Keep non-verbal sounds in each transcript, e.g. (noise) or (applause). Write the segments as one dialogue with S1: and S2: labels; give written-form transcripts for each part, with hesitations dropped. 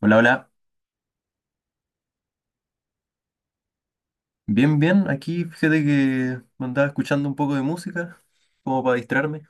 S1: Hola, hola. Bien, bien. Aquí fíjate que me andaba escuchando un poco de música, como para distraerme.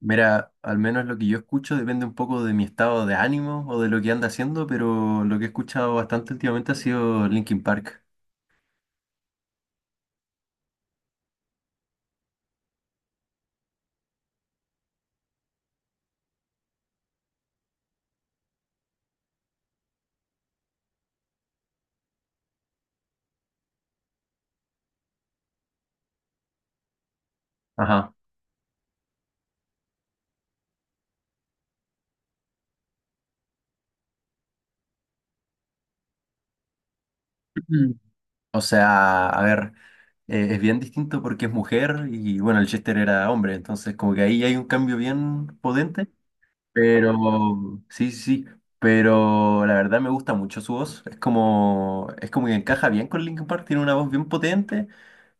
S1: Mira, al menos lo que yo escucho depende un poco de mi estado de ánimo o de lo que anda haciendo, pero lo que he escuchado bastante últimamente ha sido Linkin Park. Ajá. Mm. O sea, a ver, es bien distinto porque es mujer y bueno, el Chester era hombre, entonces como que ahí hay un cambio bien potente. Pero, sí, sí, sí, pero la verdad me gusta mucho su voz. Es como que encaja bien con Linkin Park, tiene una voz bien potente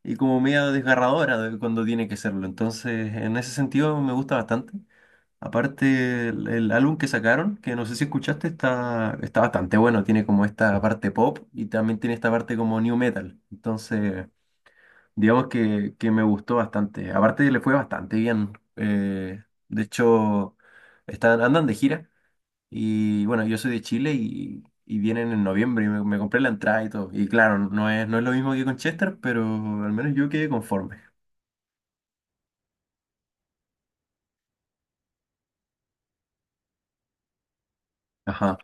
S1: y como medio desgarradora cuando tiene que serlo. Entonces, en ese sentido me gusta bastante. Aparte, el álbum que sacaron, que no sé si escuchaste, está, está bastante bueno. Tiene como esta parte pop y también tiene esta parte como new metal. Entonces, digamos que me gustó bastante. Aparte, le fue bastante bien. De hecho, están, andan de gira. Y bueno, yo soy de Chile y vienen en noviembre y me compré la entrada y todo. Y claro, no es, no es lo mismo que con Chester, pero al menos yo quedé conforme. Ajá,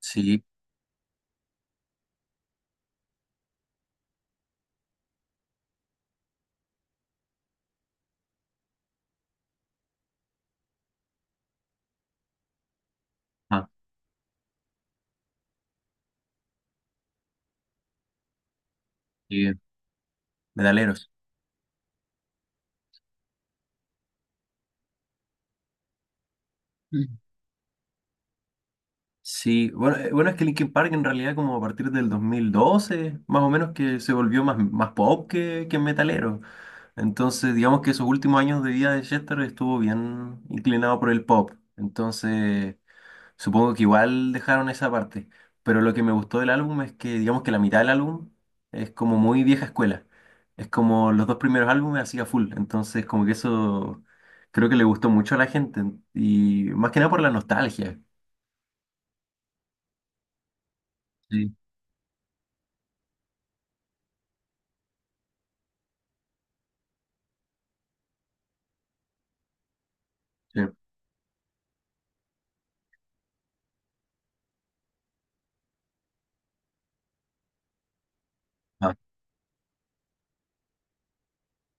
S1: sí, ajá, sí, metaleros. Mm. Sí, bueno, bueno, es que Linkin Park en realidad como a partir del 2012, más o menos que se volvió más, más pop que metalero. Entonces, digamos que esos últimos años de vida de Chester estuvo bien inclinado por el pop. Entonces... Supongo que igual dejaron esa parte, pero lo que me gustó del álbum es que digamos que la mitad del álbum es como muy vieja escuela. Es como los dos primeros álbumes hacía full, entonces como que eso creo que le gustó mucho a la gente y más que nada por la nostalgia. Sí, sí. Ah,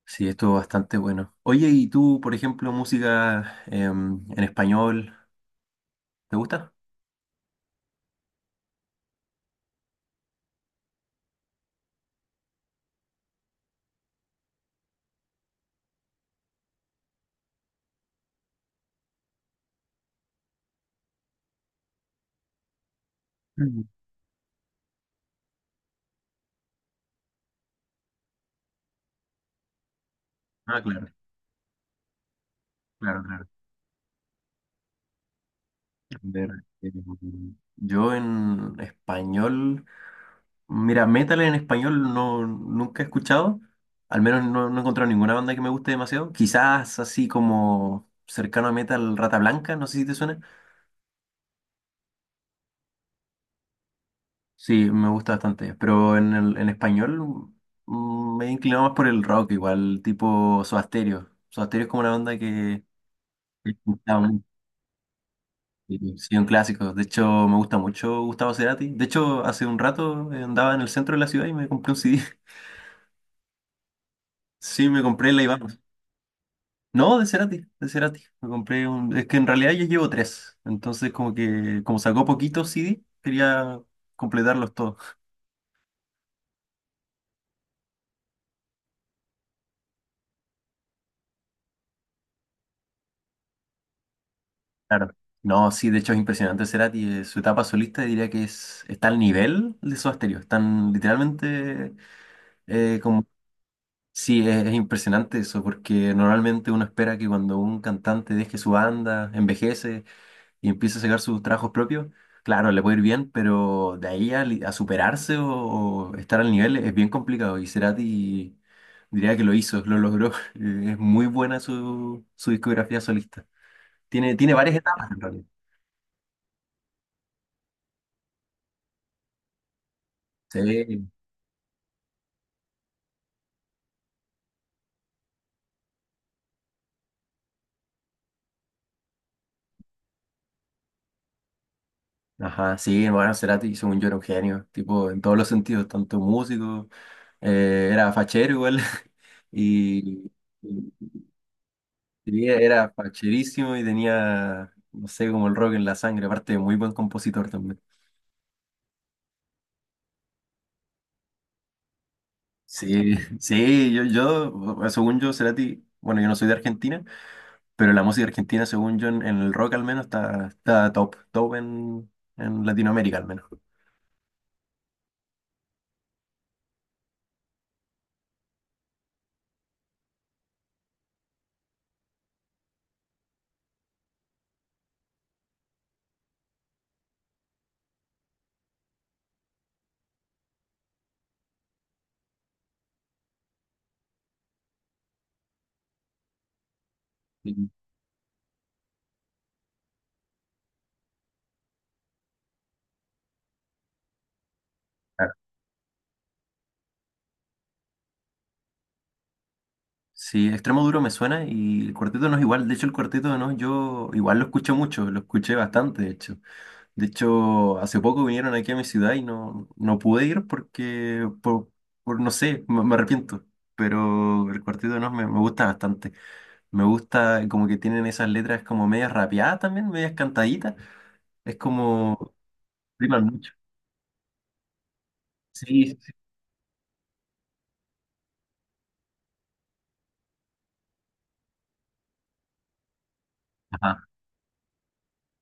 S1: sí, estuvo bastante bueno. Oye, ¿y tú, por ejemplo, música en español, te gusta? Mm. Ah, claro, claro, claro. A ver, yo en español. Mira, metal en español no, nunca he escuchado. Al menos no, no he encontrado ninguna banda que me guste demasiado. Quizás así como cercano a metal Rata Blanca, no sé si te suena. Sí, me gusta bastante. Pero en, el, en español mm, me he inclinado más por el rock, igual, tipo Soda Stereo. Soda Stereo es como una banda que he escuchado mucho, y sí, un clásico. De hecho, me gusta mucho Gustavo Cerati. De hecho, hace un rato andaba en el centro de la ciudad y me compré un CD. (laughs) Sí, me compré la Iván. No, de Cerati, de Cerati. Me compré un... Es que en realidad ya llevo tres. Entonces, como que, como sacó poquitos CD, quería completarlos todos. Claro. No, sí, de hecho es impresionante Cerati. Su etapa solista diría que es, está al nivel de Soda Stereo. Están literalmente como... Sí, es impresionante eso, porque normalmente uno espera que cuando un cantante deje su banda, envejece, y empieza a sacar sus trabajos propios, claro, le puede ir bien, pero de ahí a, a superarse o estar al nivel es bien complicado. Y Cerati diría que lo hizo, lo logró. (laughs) Es muy buena su, su discografía solista. Tiene, tiene varias etapas en realidad. Sí, ajá, sí, bueno, Cerati, según yo, era un genio, tipo, en todos los sentidos, tanto músico, era fachero igual, (laughs) y, y- y era facherísimo y tenía, no sé, como el rock en la sangre, aparte, muy buen compositor también. Sí, sí, yo, bueno, según yo, Cerati, bueno, yo no soy de Argentina, pero la música argentina, según yo, en el rock al menos, está, está top, top en Latinoamérica al menos. Sí, claro. Sí, Extremo Duro me suena y el Cuarteto no es igual, de hecho el Cuarteto no, yo igual lo escuché mucho, lo escuché bastante, de hecho. De hecho, hace poco vinieron aquí a mi ciudad y no, no pude ir porque, por no sé, me arrepiento, pero el Cuarteto no me, me gusta bastante. Me gusta como que tienen esas letras como medias rapeadas también, medias cantaditas. Es como... Riman mucho. Sí, sí. sí. Ajá.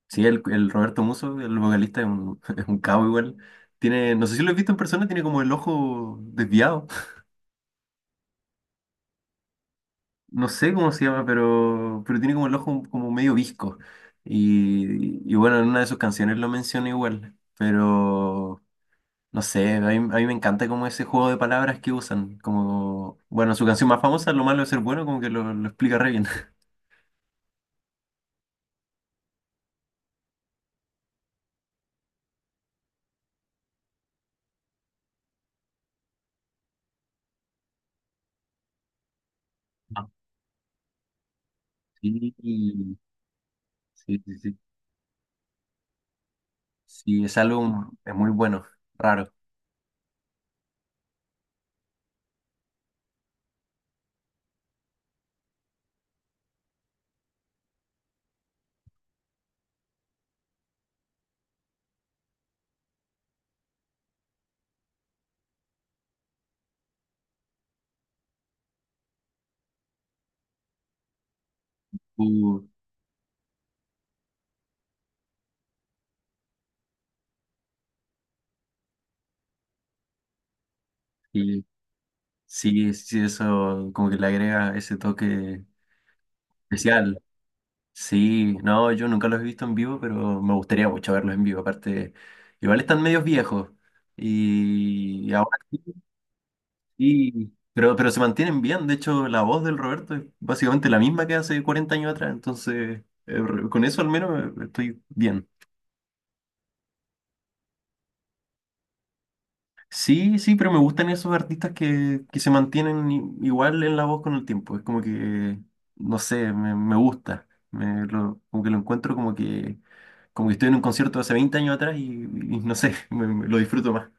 S1: Sí, el Roberto Musso, el vocalista, es un, (laughs) es un cabo igual. Tiene, no sé si lo he visto en persona, tiene como el ojo desviado. No sé cómo se llama, pero tiene como el ojo como medio visco. Y bueno, en una de sus canciones lo menciona igual. Pero... No sé, a mí me encanta como ese juego de palabras que usan. Como, bueno, su canción más famosa, Lo malo de ser bueno, como que lo explica re bien. (laughs) Ah, sí, sí, sí, sí. Sí, ese álbum es muy bueno, raro. Uh, sí, sí, sí, eso como que le agrega ese toque especial. Sí, no, yo nunca los he visto en vivo, pero me gustaría mucho verlos en vivo. Aparte, igual están medios viejos. Y ahora sí Y, pero se mantienen bien, de hecho la voz del Roberto es básicamente la misma que hace 40 años atrás, entonces con eso al menos estoy bien. Sí, sí, pero me gustan esos artistas que se mantienen igual en la voz con el tiempo, es como que, no sé, me gusta, me, como que lo encuentro como que estoy en un concierto hace 20 años atrás y no sé, (laughs) lo disfruto más.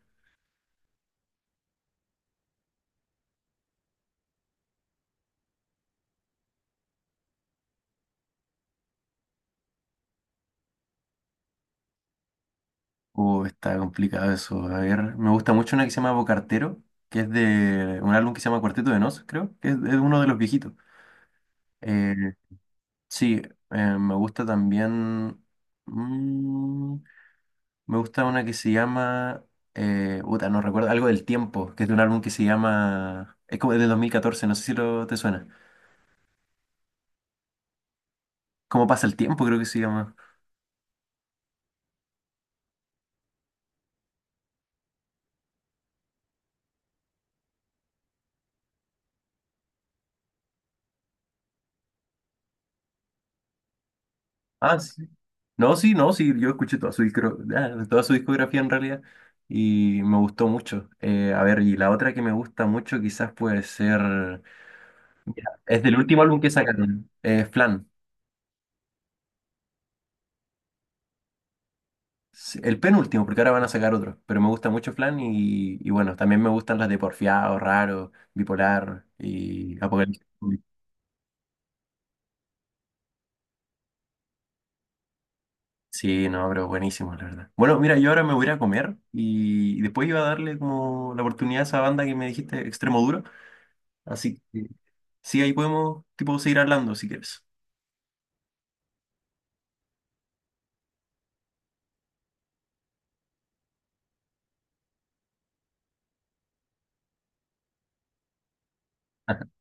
S1: Está complicado eso. A ver, me gusta mucho una que se llama Bocartero, que es de un álbum que se llama Cuarteto de Nos, creo, que es uno de los viejitos. Eh, sí, me gusta también. mm, me gusta una que se llama. Puta, no recuerdo, algo del tiempo, que es de un álbum que se llama. Es como de 2014, no sé si lo te suena. ¿Cómo pasa el tiempo? Creo que se llama. Ah, sí. No, sí, no, sí, yo escuché toda su, ah, toda su discografía en realidad y me gustó mucho. A ver, y la otra que me gusta mucho quizás puede ser... Es del último álbum que sacaron, Flan. Sí, El penúltimo, porque ahora van a sacar otro, pero me gusta mucho Flan y bueno, también me gustan las de Porfiado, Raro, Bipolar y Apocalipsis. Sí, no, pero buenísimo, la verdad. Bueno, mira, yo ahora me voy a ir a comer y después iba a darle como la oportunidad a esa banda que me dijiste, Extremo Duro. Así que... Sí, ahí podemos, tipo, seguir hablando si quieres. (laughs)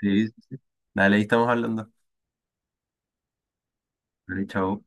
S1: Sí, sí, sí. Dale, ahí estamos hablando. Vale, chao.